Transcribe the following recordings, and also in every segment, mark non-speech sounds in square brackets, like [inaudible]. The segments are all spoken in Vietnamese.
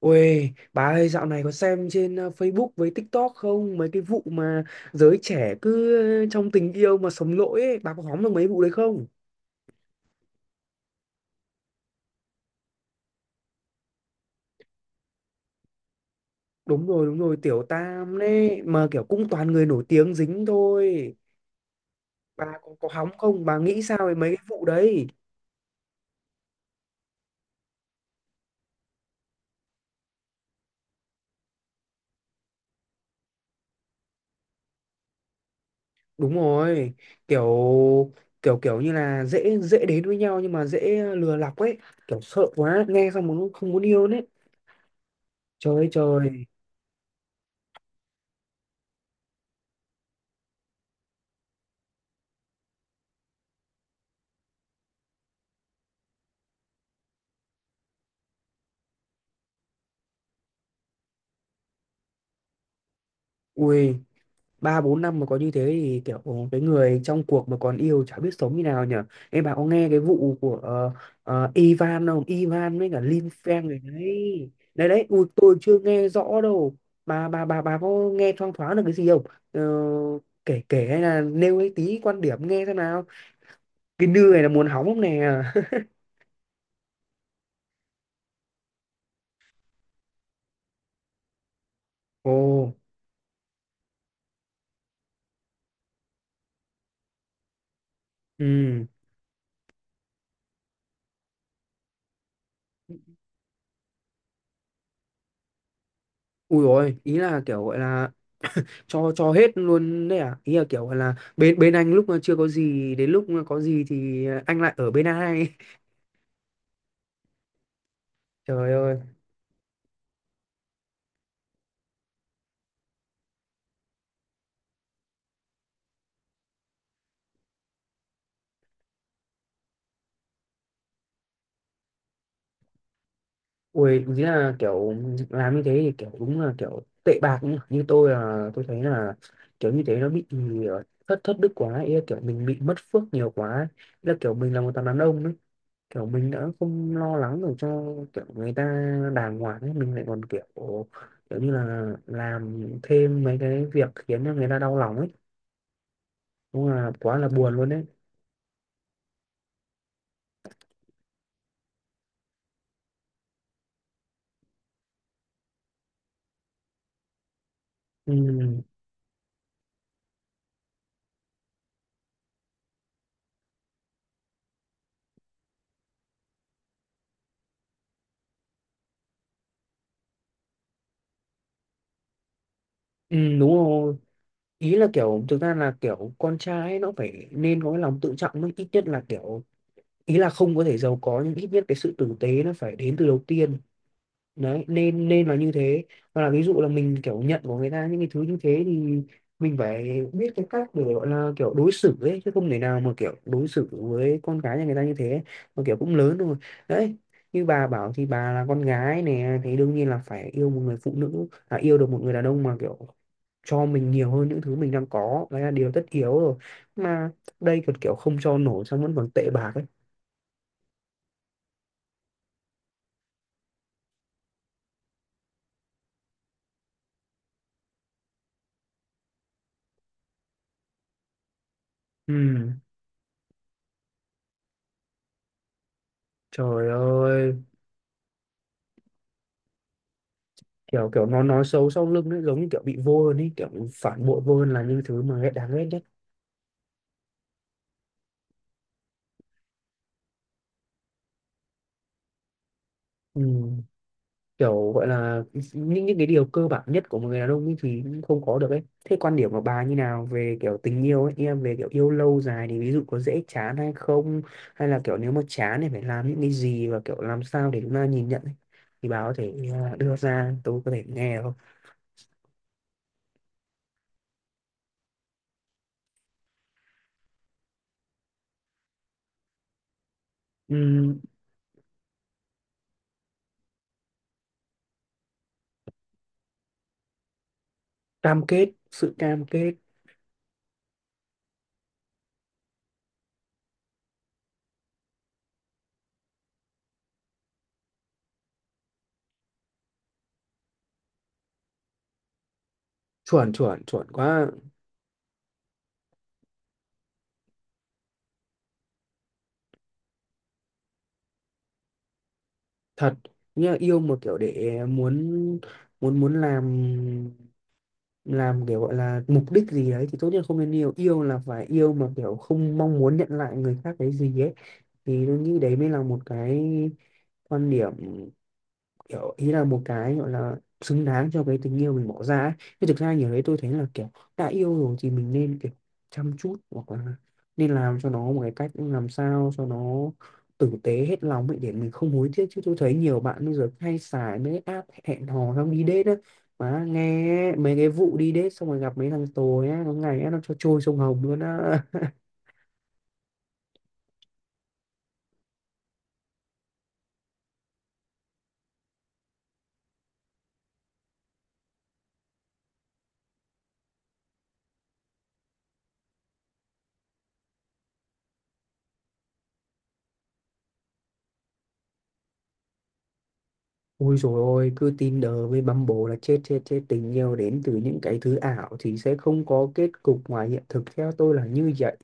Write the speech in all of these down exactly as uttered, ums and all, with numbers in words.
Ôi, bà ơi, dạo này có xem trên ờ, Facebook với TikTok không? Mấy cái vụ mà giới trẻ cứ ờ, trong tình yêu mà sống lỗi ấy, bà có hóng được mấy vụ đấy không? Đúng rồi, đúng rồi, tiểu tam đấy, mà kiểu cũng toàn người nổi tiếng dính thôi. Bà có, có hóng không? Bà nghĩ sao về mấy cái vụ đấy? Đúng rồi, kiểu kiểu kiểu như là dễ dễ đến với nhau nhưng mà dễ ờ, lừa lọc ấy, kiểu sợ quá, nghe xong muốn không muốn yêu đấy. Trời ơi trời, ui. Ba bốn năm mà có như thế thì kiểu ồ, cái người trong cuộc mà còn yêu chả biết sống như nào nhở. Em bà có nghe cái vụ của ờ, ờ, Ivan không, Ivan với cả Lin Feng này, đấy đấy đấy, ui, tôi chưa nghe rõ đâu. Bà bà bà bà có nghe thoang thoáng được cái gì không? Ờ, kể kể hay là nêu ấy tí quan điểm nghe xem nào, cái nư này là muốn hóng không nè. [laughs] Ồ. Ừ. Ui, rồi ý là kiểu gọi là cho cho hết luôn đấy à, ý là kiểu là bên bên anh lúc mà chưa có gì, đến lúc mà có gì thì anh lại ở bên ai. [laughs] Trời ơi, ui, ý là kiểu làm như thế thì kiểu đúng là kiểu tệ bạc nhỉ. Như tôi là tôi thấy là kiểu như thế nó bị ờ, thất thất đức quá, ý là kiểu mình bị mất phước nhiều quá. Ý là kiểu mình là một thằng đàn ông ấy, kiểu mình đã không lo lắng được cho kiểu người ta đàng hoàng ấy, mình lại còn kiểu kiểu như là làm thêm mấy cái việc khiến cho người ta đau lòng ấy, đúng là quá là buồn luôn đấy. Ừ, ừ, đúng rồi, ý là kiểu thực ra là kiểu con trai ấy, nó phải nên có cái lòng tự trọng mới, ít nhất là kiểu ý là không có thể giàu có nhưng ít nhất cái sự tử tế nó phải đến từ đầu tiên, đấy nên nên là như thế. Hoặc là ví dụ là mình kiểu nhận của người ta những cái thứ như thế thì mình phải biết cái cách để gọi là kiểu đối xử ấy, chứ không thể nào mà kiểu đối xử với con gái nhà người ta như thế, mà kiểu cũng lớn rồi đấy. Như bà bảo thì bà là con gái nè thì đương nhiên là phải yêu một người phụ nữ, à, yêu được một người đàn ông mà kiểu cho mình nhiều hơn những thứ mình đang có, đấy là điều tất yếu rồi, mà đây còn kiểu không cho nổi xong vẫn còn tệ bạc ấy. Ừ, trời ơi, kiểu kiểu nó nói xấu sau lưng ấy, giống như kiểu bị vô hơn ấy, kiểu phản bội vô hơn là những thứ mà ghét, đáng ghét nhất. Ừ. Kiểu gọi là những những cái điều cơ bản nhất của một người đàn ông ấy thì không có được ấy. Thế quan điểm của bà như nào về kiểu tình yêu ấy, em, về kiểu yêu lâu dài thì ví dụ có dễ chán hay không, hay là kiểu nếu mà chán thì phải làm những cái gì, và kiểu làm sao để chúng ta nhìn nhận ấy. Thì bà có thể à, đưa ra tôi có thể nghe được không? Ừm, cam kết, sự cam kết, chuẩn chuẩn chuẩn quá. Thật, nghĩa là yêu một kiểu để muốn muốn muốn làm làm kiểu gọi là mục đích gì đấy thì tốt nhất không nên yêu, yêu là phải yêu mà kiểu không mong muốn nhận lại người khác cái gì ấy, thì tôi nghĩ đấy mới là một cái quan điểm, kiểu ý là một cái gọi là xứng đáng cho cái tình yêu mình bỏ ra ấy. Chứ thực ra nhiều đấy, tôi thấy là kiểu đã yêu rồi thì mình nên kiểu chăm chút hoặc là nên làm cho nó một cái cách làm sao cho nó tử tế hết lòng ấy để mình không hối tiếc. Chứ tôi thấy nhiều bạn bây giờ hay xài mấy cái app hẹn hò xong đi date á, mà nghe mấy cái vụ đi date xong rồi gặp mấy thằng tồi á, có ngày á, nó cho trôi sông Hồng luôn á. [laughs] Ôi dồi ôi, cứ Tinder với Bumble là chết chết chết, tình yêu đến từ những cái thứ ảo thì sẽ không có kết cục ngoài hiện thực, theo tôi là như vậy.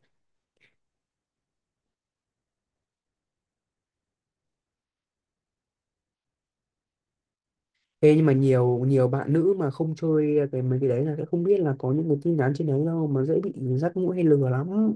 Thế nhưng mà nhiều nhiều bạn nữ mà không chơi cái mấy cái đấy là sẽ không biết là có những người tin nhắn trên đấy đâu, mà dễ bị dắt mũi hay lừa lắm.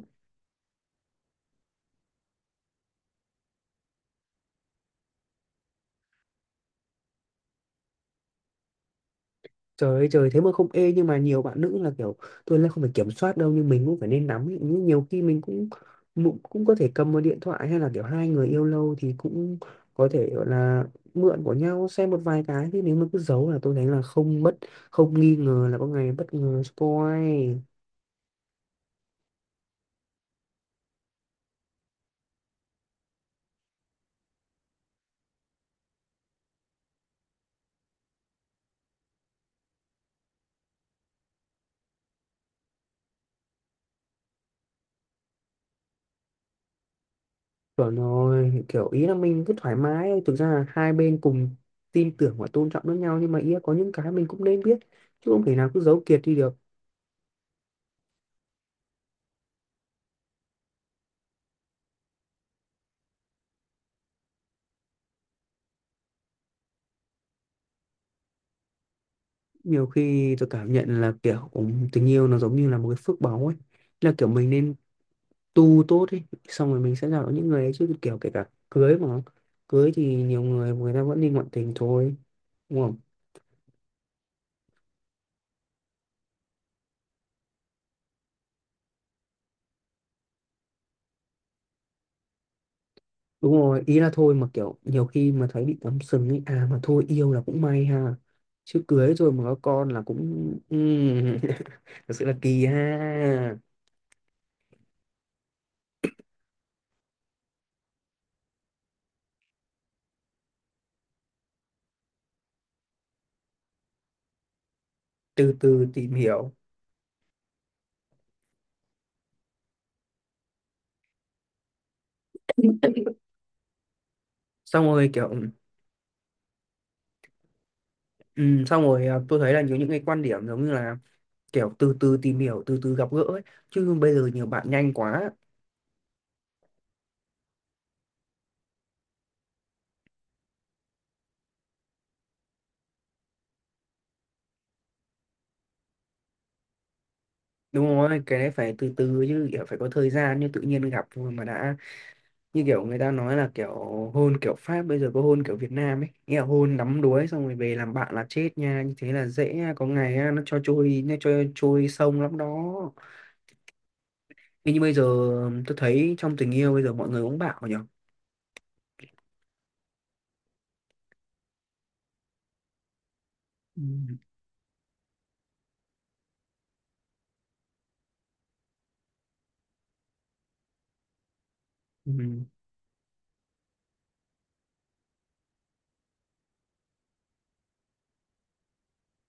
Trời ơi trời, thế mà không, ê nhưng mà nhiều bạn nữ là kiểu tôi là không phải kiểm soát đâu nhưng mình cũng phải nên nắm ý. Nhưng nhiều khi mình cũng cũng cũng có thể cầm một điện thoại hay là kiểu hai người yêu lâu thì cũng có thể gọi là mượn của nhau xem một vài cái, thế nếu mà cứ giấu là tôi thấy là không bất không nghi ngờ là có ngày bất ngờ spoil. Chuẩn rồi, kiểu ý là mình cứ thoải mái thôi. Thực ra là hai bên cùng tin tưởng và tôn trọng lẫn nhau, nhưng mà ý là có những cái mình cũng nên biết, chứ không thể nào cứ giấu kiệt đi được. Nhiều khi tôi cảm nhận là kiểu tình yêu nó giống như là một cái phước báu ấy, là kiểu mình nên tu tốt ấy, xong rồi mình sẽ gặp được những người ấy. Chứ kiểu kể cả cưới, mà cưới thì nhiều người người ta vẫn đi ngoại tình thôi, đúng không? Đúng rồi, ý là thôi mà kiểu nhiều khi mà thấy bị cắm sừng ấy, à mà thôi yêu là cũng may ha, chứ cưới rồi mà có con là cũng ừm, [laughs] thật sự là kỳ ha. Từ từ tìm hiểu, xong rồi kiểu ừm, xong rồi à, tôi thấy là nhiều những cái quan điểm giống như là kiểu từ từ tìm hiểu, từ từ gặp gỡ ấy. Chứ bây giờ nhiều bạn nhanh quá, đúng rồi, cái đấy phải từ từ chứ, kiểu phải có thời gian như tự nhiên gặp thôi mà đã như kiểu người ta nói là kiểu hôn kiểu Pháp bây giờ có hôn kiểu Việt Nam ấy, nghĩa là hôn đắm đuối xong rồi về làm bạn là chết nha, như thế là dễ nha. Có ngày á, nó cho trôi nó cho trôi sông lắm đó. Thế như bây giờ tôi thấy trong tình yêu bây giờ mọi người cũng bảo nhỉ. Ừ. Ừ.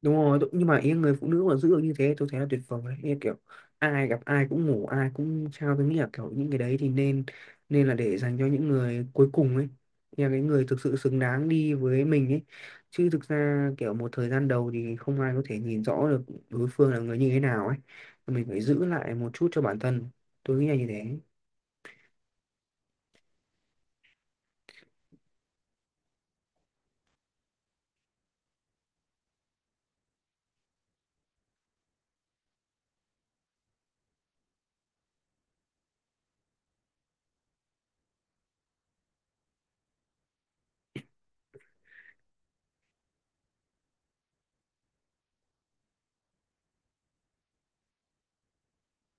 Đúng rồi, đúng- nhưng mà ý người phụ nữ mà giữ được như thế tôi thấy là tuyệt vời đấy. Ý kiểu ai gặp ai cũng ngủ, ai cũng trao, tôi nghĩ là kiểu những cái đấy thì nên nên là để dành cho những người cuối cùng ấy. Ý là cái người thực sự xứng đáng đi với mình ấy, chứ thực ra kiểu một thời gian đầu thì không ai có thể nhìn rõ được đối phương là người như thế nào ấy, mình phải giữ lại một chút cho bản thân, tôi nghĩ là như thế.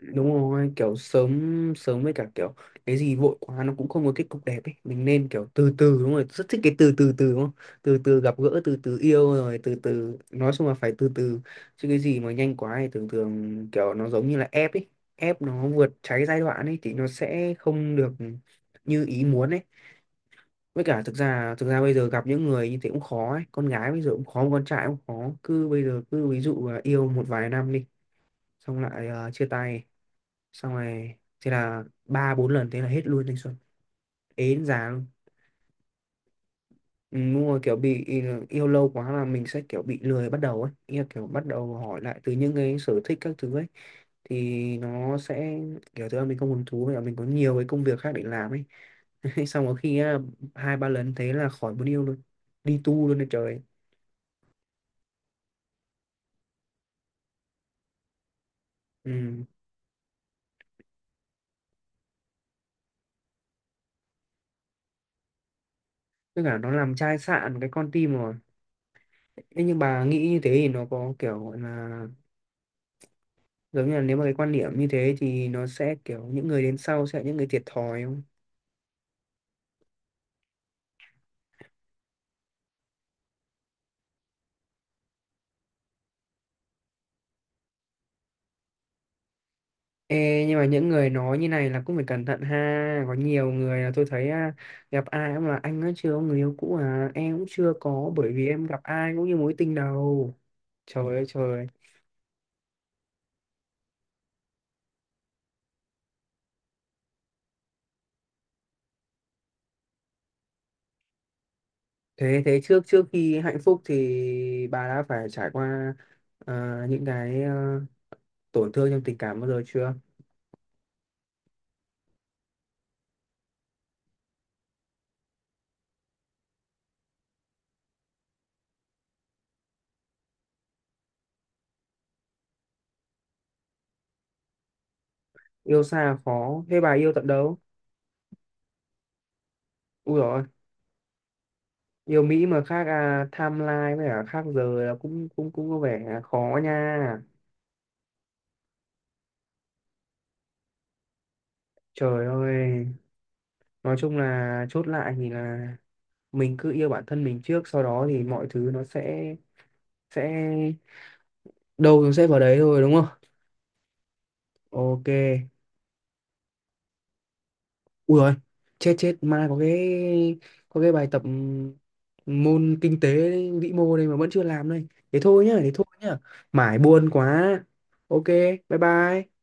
Đúng rồi, kiểu sớm sớm với cả kiểu cái gì vội quá nó cũng không có kết cục đẹp ấy, mình nên kiểu từ từ, đúng rồi, rất thích cái từ từ từ đúng không? Từ từ gặp gỡ, từ từ yêu, rồi từ từ, nói chung là phải từ từ, chứ cái gì mà nhanh quá thì thường thường kiểu nó giống như là ép ấy, ép nó vượt trái giai đoạn ấy thì nó sẽ không được như ý muốn ấy. Với cả thực ra thực ra bây giờ gặp những người như thế cũng khó ấy, con gái bây giờ cũng khó, con trai cũng khó. Cứ bây giờ cứ ví dụ là yêu một vài năm đi, xong lại ờ, chia tay, xong rồi thế là ba bốn lần thế là hết luôn thanh xuân, ế già luôn. Ừ, đúng rồi, kiểu bị ừ, yêu lâu quá là mình sẽ kiểu bị lười bắt đầu ấy. Ý là kiểu bắt đầu hỏi lại từ những cái sở thích các thứ ấy, thì nó sẽ kiểu thứ là mình không hứng thú và mình có nhiều cái công việc khác để làm ấy. [laughs] Xong có khi á, hai ba lần thế là khỏi muốn yêu luôn, đi tu luôn đấy trời. Ừ. Tất cả nó làm chai sạn cái con tim rồi. Thế nhưng bà nghĩ như thế thì nó có kiểu gọi là giống như là nếu mà cái quan điểm như thế thì nó sẽ kiểu những người đến sau sẽ là những người thiệt thòi không? Ê, nhưng mà những người nói như này là cũng phải cẩn thận ha, có nhiều người là tôi thấy à, gặp ai cũng là anh ấy chưa có người yêu cũ, à em cũng chưa có bởi vì em gặp ai cũng như mối tình đầu. Trời ơi trời, thế thế trước trước khi hạnh phúc thì bà đã phải trải qua à, những cái à, tổn thương trong tình cảm bao giờ chưa? Yêu xa khó thế, bà yêu tận đâu? Ui dồi ôi. Yêu Mỹ mà khác à, timeline với cả khác giờ là cũng cũng cũng có vẻ khó nha. Trời ơi, nói chung là chốt lại thì là mình cứ yêu bản thân mình trước, sau đó thì mọi thứ nó sẽ sẽ đâu nó sẽ vào đấy thôi, đúng không? Ok. Ui rồi, chết chết, mai có cái có cái bài tập môn kinh tế vĩ mô đây mà vẫn chưa làm đây, thế thôi nhá, thế thôi nhá, mải buồn quá. Ok, bye bye.